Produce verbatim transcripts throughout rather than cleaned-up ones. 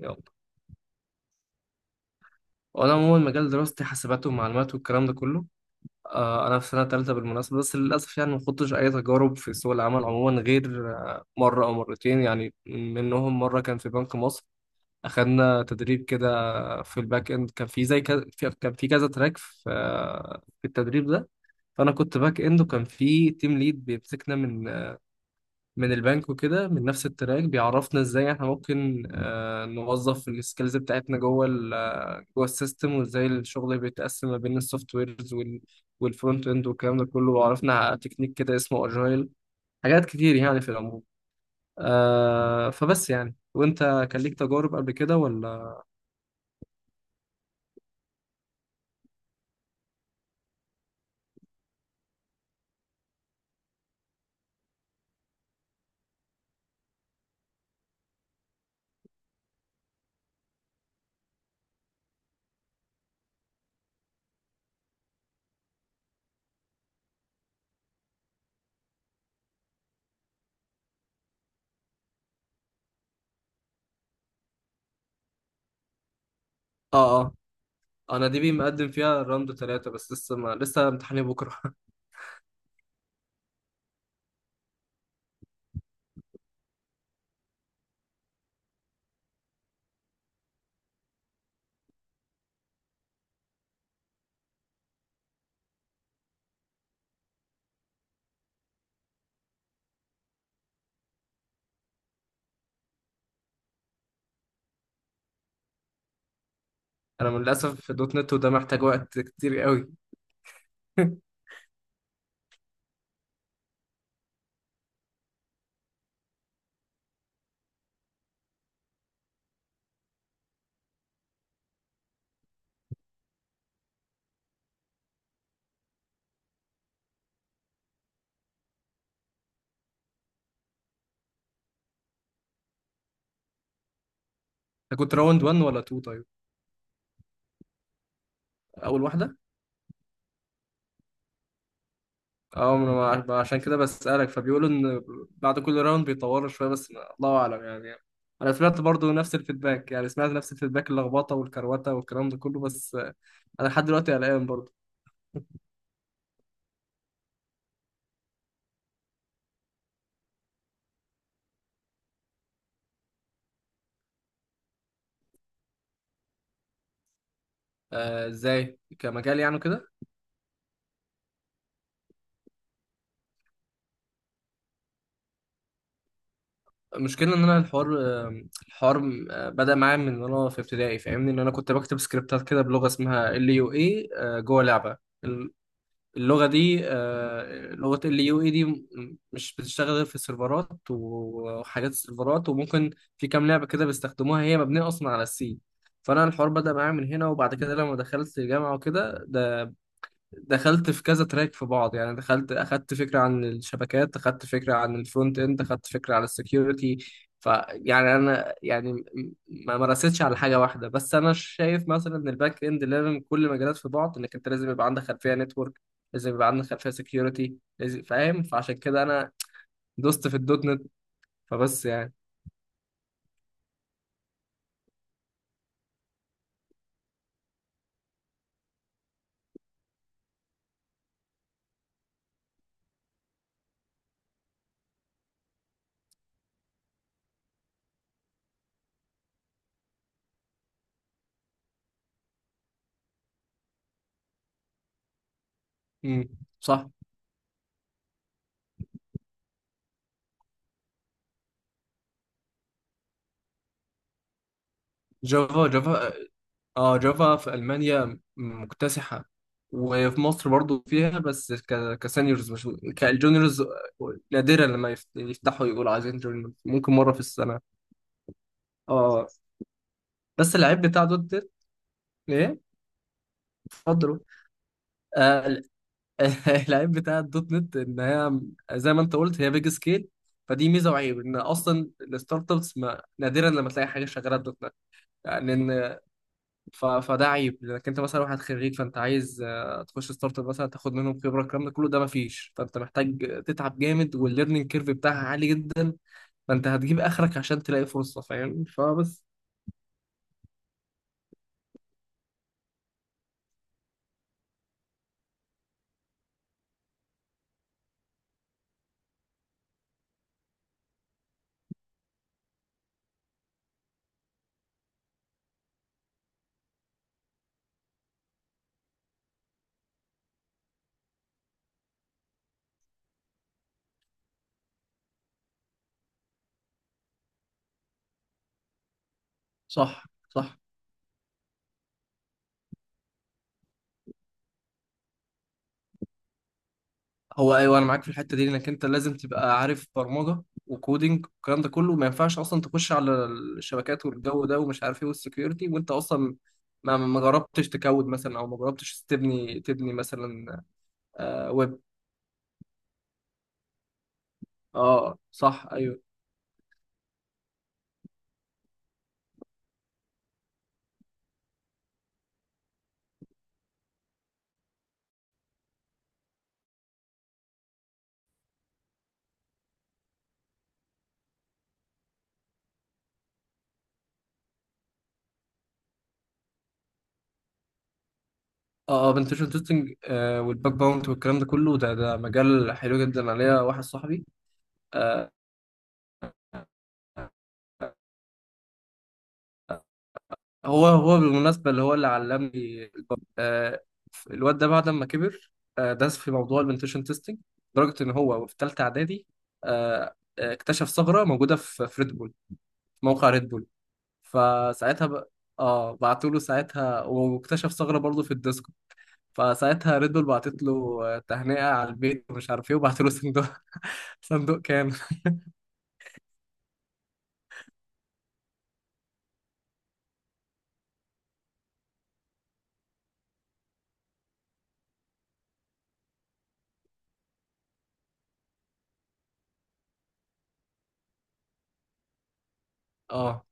يلا، وانا عموما مجال دراستي حاسبات ومعلومات والكلام ده كله. آه انا في سنه ثالثه بالمناسبه، بس للاسف يعني ما خضتش اي تجارب في سوق العمل عموما غير آه، مره او مرتين. يعني منهم مره كان في بنك مصر، اخدنا تدريب كده في الباك اند. كان في زي كذا، كان في كذا تراك في آه، في التدريب ده. فانا كنت باك اند، وكان في تيم ليد بيمسكنا من من البنك، وكده من نفس التراك، بيعرفنا ازاي احنا ممكن آه، نوظف السكيلز بتاعتنا جوه ال آه، جوه السيستم، وازاي الشغل بيتقسم ما بين السوفت ويرز والفرونت اند والكلام ده كله. وعرفنا على تكنيك كده اسمه اجايل، حاجات كتير يعني في العموم. آه فبس يعني، وانت كان ليك تجارب قبل كده ولا؟ اه اه، انا دي بي مقدم فيها راوند ثلاثة، بس لسه ما لسه امتحاني بكرة. انا من للاسف في دوت نت، وده محتاج وقت كتير قوي. انت كنت راوند وان ولا تو طيب؟ اول واحدة. اه، ما أنا عشان كده بسألك، فبيقولوا ان بعد كل راوند بيطوروا شويه، بس ما- الله اعلم يعني. انا سمعت برضو نفس الفيدباك، يعني سمعت نفس الفيدباك، اللخبطه والكروته والكلام ده كله، بس انا لحد دلوقتي قلقان برضو. آه، ازاي كمجال يعني كده؟ المشكله ان انا الحوار آه، الحوار آه، بدأ معايا من ان انا في ابتدائي، فاهمني؟ ان انا كنت بكتب سكريبتات كده بلغه اسمها ال يو اي، جوه لعبه. اللغة دي، آه، لغة ال يو اي دي، م- مش بتشتغل غير في السيرفرات وحاجات السيرفرات. وممكن في كام لعبة كده بيستخدموها، هي مبنية أصلا على السي. فأنا الحوار بدأ معايا من هنا. وبعد كده لما دخلت الجامعة وكده، ده دخلت في كذا تراك في بعض، يعني دخلت اخدت فكره عن الشبكات، اخدت فكره عن الفرونت اند، اخدت فكره عن السكيورتي. فيعني انا يعني م- ما مارستش على حاجه واحده، بس انا شايف مثلا ان الباك اند لازم كل مجالات في بعض، انك انت لازم يبقى عندك خلفيه نتورك، لازم يبقى عندك خلفيه سكيورتي، لازم فاهم. فعشان كده انا دوست في الدوت نت. فبس يعني. امم، صح. جافا جافا. اه، جافا في ألمانيا مكتسحة. وفي مصر برضو فيها بس ك- كسينيورز، مش كالجونيورز. نادرا لما يفت- يفتحوا يقولوا عايزين جونيور، ممكن مرة في السنة. اه. بس العيب بتاع دوت نت، ايه؟ اتفضلوا. آه ال- العيب بتاع الدوت نت، ان هي زي ما انت قلت، هي بيج سكيل. فدي ميزة وعيب، ان اصلا الستارت ابس، ما- نادرا لما تلاقي حاجة شغالة بدوت نت يعني. ف... فده عيب، لانك انت مثلا واحد خريج، فانت عايز آه، تخش ستارت اب مثلا، تاخد منهم خبره الكلام ده كله، ده مفيش. فانت محتاج تتعب جامد، والليرنينج كيرف بتاعها عالي جدا. فانت هتجيب اخرك عشان تلاقي فرصه، فاهم؟ فبس. صح صح. هو ايوه، انا معاك في الحته دي، انك انت لازم تبقى عارف برمجه وكودينج والكلام ده كله، ما ينفعش اصلا تخش على الشبكات والجو ده ومش عارف ايه والسكيورتي، وانت اصلا ما ما جربتش تكود مثلا، او ما جربتش تبني تبني مثلا. آه، ويب. اه صح ايوه. اه، بنتشن تيستنج والباك باونت والكلام ده كله، ده ده مجال حلو جدا عليا. واحد صاحبي، آه هو هو بالمناسبة اللي هو اللي علمني الباك. آه الواد ده بعد ما كبر، آه داس في موضوع البنتشن تيستنج، لدرجة ان هو في ثالثة اعدادي، آه آه، اكتشف ثغرة موجودة في في ريد بول، في موقع ريد بول. فساعتها ب... اه، بعتوا له ساعتها، واكتشف ثغرة برضه في الديسكو. فساعتها ريد بول بعتت له آه، تهنئة على البيت ومش عارف ايه، وبعتوا له صندوق. صندوق كام! اه،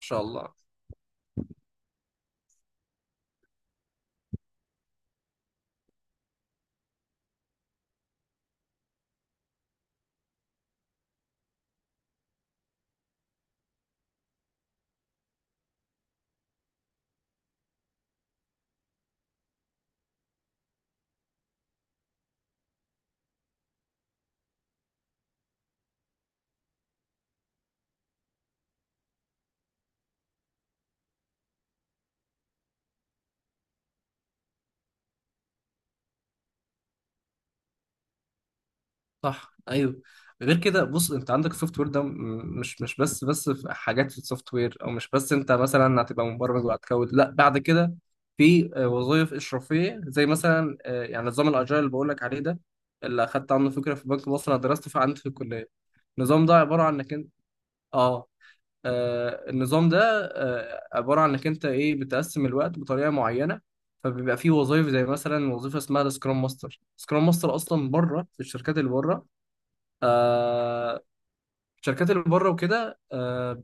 شاء الله. صح ايوه. غير كده، بص، انت عندك السوفت وير ده، م- مش مش بس بس في حاجات في السوفت وير، او مش بس انت مثلا هتبقى مبرمج وهتكود، لا، بعد كده في وظائف اشرافيه زي مثلا آه، يعني نظام الاجايل اللي بقول لك عليه ده، اللي اخدت عنه فكره في بنك مصر، انا درست فيه عندي في الكليه. النظام ده عباره عن انك انت، اه، آه، النظام ده آه، عبارة عن انك انت، ايه، بتقسم الوقت بطريقة معينة. فبيبقى فيه وظائف زي مثلا وظيفة اسمها سكرام ماستر. سكرام ماستر اصلا بره في الشركات اللي بره، آه، الشركات اللي بره وكده، آه،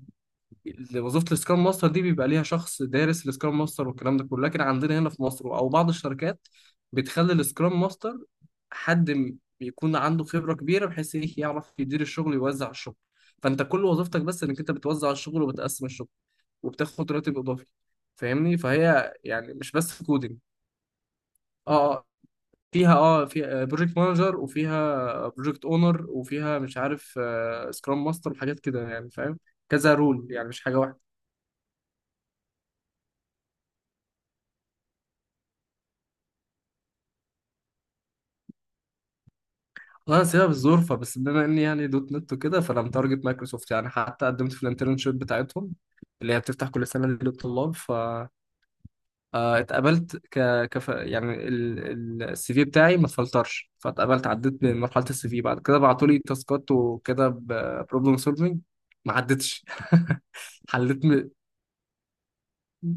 وظيفه السكرام ماستر دي بيبقى ليها شخص دارس السكرام ماستر والكلام ده كله. لكن عندنا هنا في مصر او بعض الشركات، بتخلي السكرام ماستر حد، م- بيكون عنده خبره كبيره، بحيث ايه، يعرف يدير الشغل ويوزع الشغل. فانت كل وظيفتك بس انك انت بتوزع الشغل وبتقسم الشغل، وبتاخد راتب اضافي. فاهمني؟ فهي يعني مش بس كودينج. اه آه، فيها، اه فيها بروجكت مانجر، وفيها بروجكت اونر، وفيها مش عارف، سكرام ماستر وحاجات كده يعني، فاهم؟ كذا رول، يعني مش حاجه. اه، سبب الظروف. بس بما اني يعني دوت نت وكده، فانا متارجت مايكروسوفت. يعني حتى قدمت في الانترنشيب بتاعتهم، اللي هي بتفتح كل سنه للطلاب. ف آه، اتقبلت، ك كف يعني السي في بتاعي ما اتفلترش، فاتقبلت، عديت من مرحله السي في. بعد كده بعتوا لي تاسكات وكده، بروبلم سولفنج، ما عدتش. حليت. م...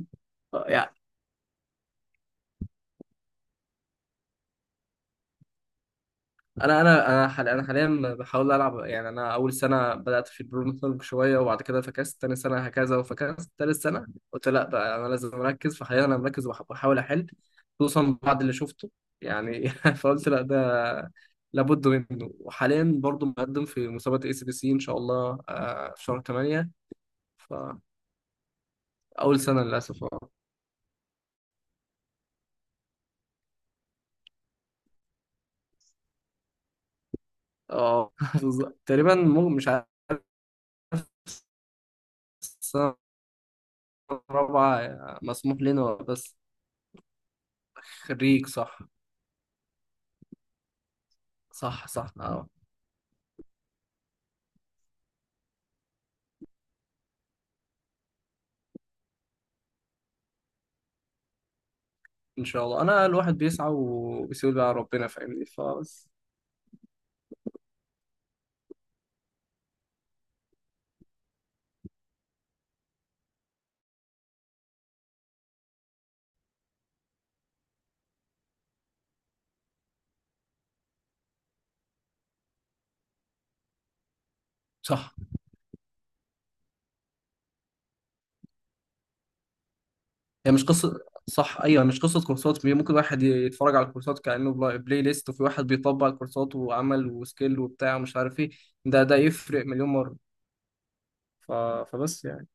انا انا انا حال- انا حاليا بحاول العب، يعني انا اول سنه بدات في البرومتنج شويه، وبعد كده فكست تاني سنه، هكذا، وفكست تالت سنه، قلت لا بقى، انا لازم اركز. فحاليا انا مركز، وبح- وبحاول احل، خصوصا بعد اللي شفته يعني. فقلت لا، ده لابد منه. وحاليا برضو مقدم في مسابقه اي سي بي سي ان شاء الله، آه، في شهر تمانية. فاول سنه للاسف. اه آه، بالظبط. تقريبا، مو- مش عارف. سنه رابعه، آه، مسموح لنا بس. خريج، صح. صح صح آه. ان شاء الله. انا الواحد بيسعى، وبيسيب بقى ربنا، فاهمني؟ فبس. صح. هي مش قصه. صح، ايوه، مش قصه كورسات. ممكن واحد يتفرج على الكورسات كانه بلا- بلاي ليست، وفي واحد بيطبق الكورسات وعمل وسكيل وبتاع ومش عارف ايه. ده ده يفرق مليون مره. ف... فبس يعني.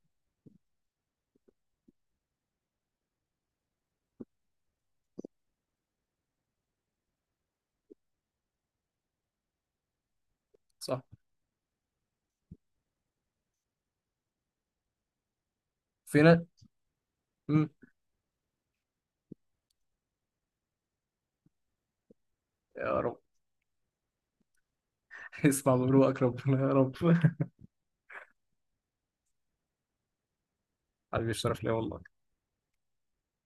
صح. في ناس. مم. يا رب. اسمع من روحك ربنا، يا رب. حبيبي، الشرف ليا والله.